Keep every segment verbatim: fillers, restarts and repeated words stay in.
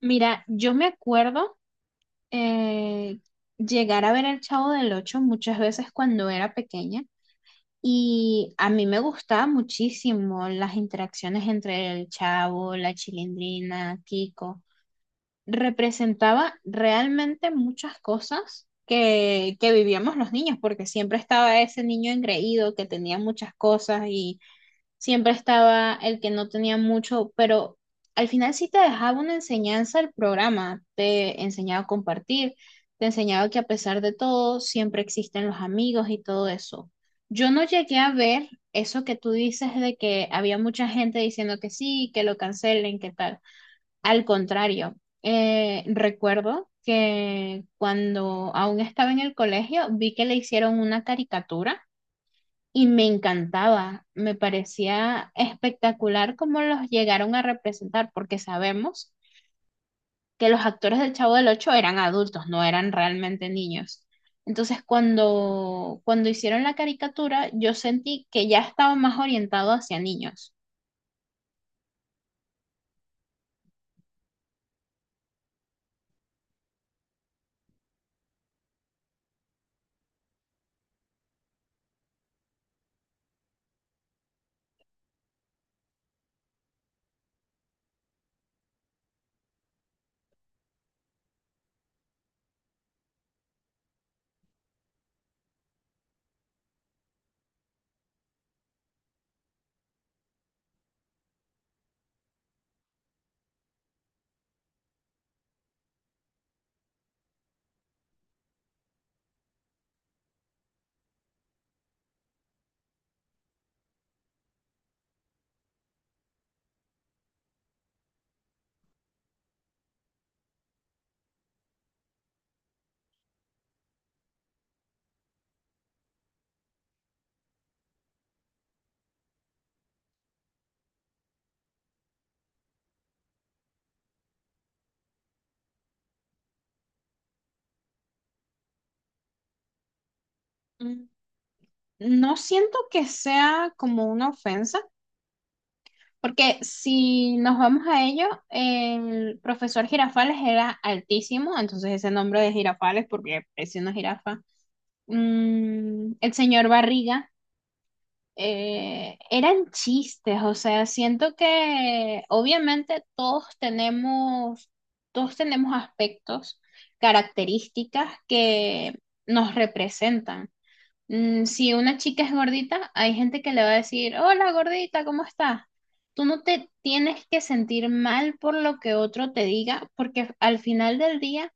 Mira, yo me acuerdo eh, llegar a ver El Chavo del Ocho muchas veces cuando era pequeña y a mí me gustaba muchísimo las interacciones entre el Chavo, la Chilindrina, Kiko. Representaba realmente muchas cosas que, que vivíamos los niños, porque siempre estaba ese niño engreído que tenía muchas cosas, siempre estaba el que no tenía mucho, pero al final sí te dejaba una enseñanza el programa, te enseñaba a compartir, te enseñaba que a pesar de todo, siempre existen los amigos y todo eso. Yo no llegué a ver eso que tú dices de que había mucha gente diciendo que sí, que lo cancelen, que tal. Al contrario, eh, recuerdo que cuando aún estaba en el colegio, vi que le hicieron una caricatura y me encantaba, me parecía espectacular cómo los llegaron a representar, porque sabemos que los actores del Chavo del Ocho eran adultos, no eran realmente niños. Entonces, cuando, cuando hicieron la caricatura, yo sentí que ya estaba más orientado hacia niños. Mm, no siento que sea como una ofensa, porque si nos vamos a ello, el profesor Girafales era altísimo, entonces ese nombre de Girafales, porque es una jirafa. Mm, el señor Barriga, eh, eran chistes, o sea, siento que obviamente todos tenemos, todos tenemos aspectos, características que nos representan. Mm, si una chica es gordita, hay gente que le va a decir, hola gordita, ¿cómo estás? Tú no te tienes que sentir mal por lo que otro te diga, porque al final del día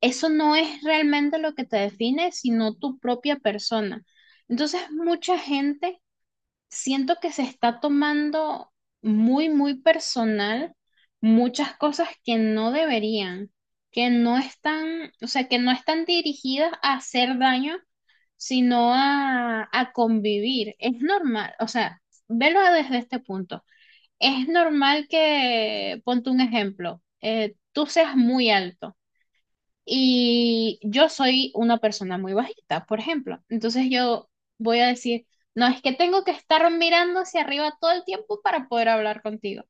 eso no es realmente lo que te define, sino tu propia persona. Entonces, mucha gente siento que se está tomando muy, muy personal muchas cosas que no deberían, que no están, o sea, que no están dirigidas a hacer daño, sino a, a convivir. Es normal, o sea, velo desde este punto. Es normal que, ponte un ejemplo, eh, tú seas muy alto y yo soy una persona muy bajita, por ejemplo. Entonces yo voy a decir, no, es que tengo que estar mirando hacia arriba todo el tiempo para poder hablar contigo.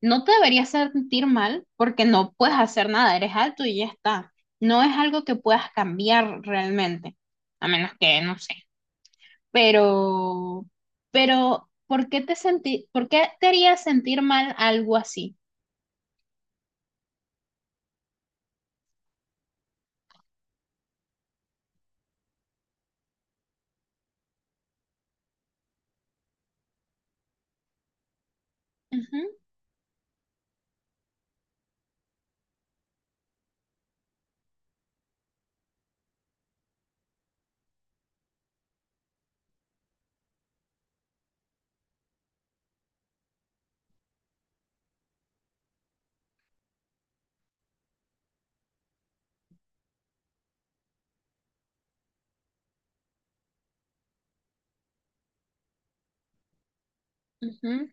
No te deberías sentir mal porque no puedes hacer nada, eres alto y ya está. No es algo que puedas cambiar realmente, a menos que, no sé. Pero, pero, ¿por qué te senti- por qué te haría sentir mal algo así? Ujú, ujú.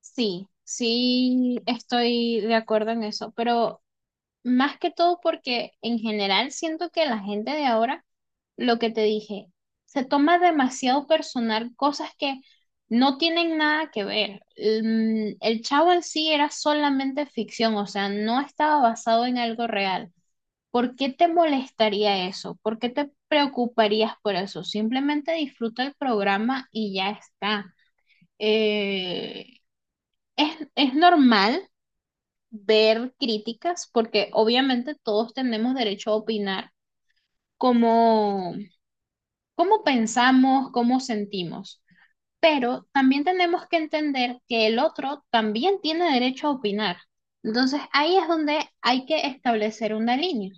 Sí, sí estoy de acuerdo en eso, pero más que todo porque en general siento que la gente de ahora, lo que te dije, se toma demasiado personal cosas que no tienen nada que ver. Mm, el chavo en sí era solamente ficción, o sea, no estaba basado en algo real. ¿Por qué te molestaría eso? ¿Por qué te preocuparías por eso? Simplemente disfruta el programa y ya está. Eh, es, es normal ver críticas porque obviamente todos tenemos derecho a opinar cómo, cómo pensamos, cómo sentimos, pero también tenemos que entender que el otro también tiene derecho a opinar. Entonces ahí es donde hay que establecer una línea.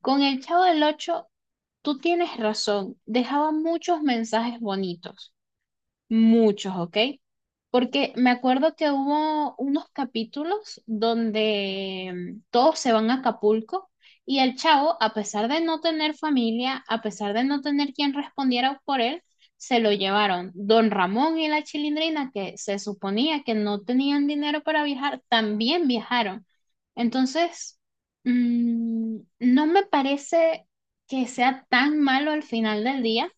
Con el Chavo del Ocho, tú tienes razón, dejaba muchos mensajes bonitos. Muchos, ¿ok? Porque me acuerdo que hubo unos capítulos donde, mm, todos se van a Acapulco y el chavo, a pesar de no tener familia, a pesar de no tener quien respondiera por él, se lo llevaron. Don Ramón y la Chilindrina, que se suponía que no tenían dinero para viajar, también viajaron. Entonces, mm, no me parece que sea tan malo al final del día,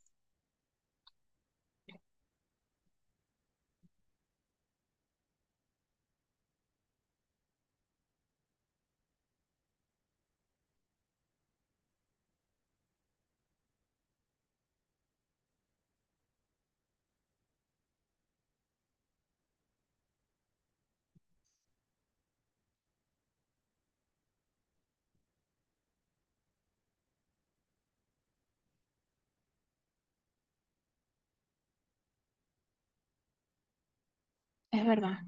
es verdad.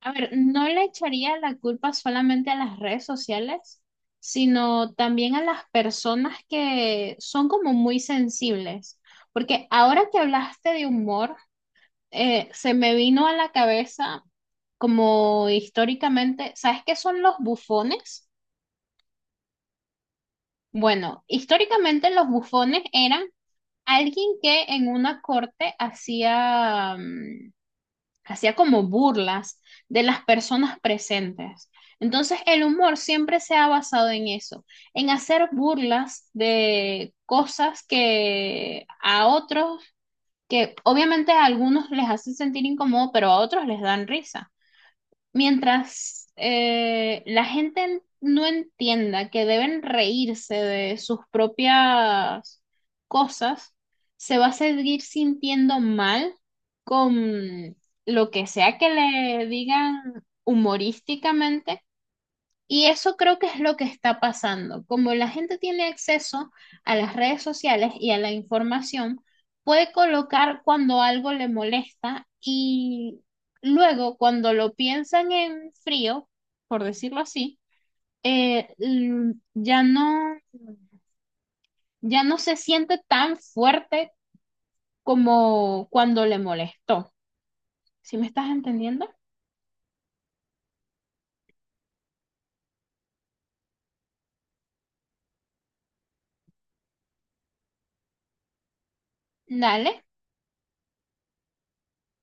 A ver, no le echaría la culpa solamente a las redes sociales, sino también a las personas que son como muy sensibles. Porque ahora que hablaste de humor, eh, se me vino a la cabeza como históricamente, ¿sabes qué son los bufones? Bueno, históricamente los bufones eran alguien que en una corte hacía, mm, hacía como burlas de las personas presentes. Entonces el humor siempre se ha basado en eso, en hacer burlas de cosas que a otros, que obviamente a algunos les hacen sentir incómodo, pero a otros les dan risa. Mientras eh, la gente en- no entienda que deben reírse de sus propias cosas, se va a seguir sintiendo mal con lo que sea que le digan humorísticamente y eso creo que es lo que está pasando. Como la gente tiene acceso a las redes sociales y a la información, puede colocar cuando algo le molesta y luego cuando lo piensan en frío, por decirlo así, eh, l- ya no, ya no se siente tan fuerte como cuando le molestó. ¿Sí me estás entendiendo? Dale.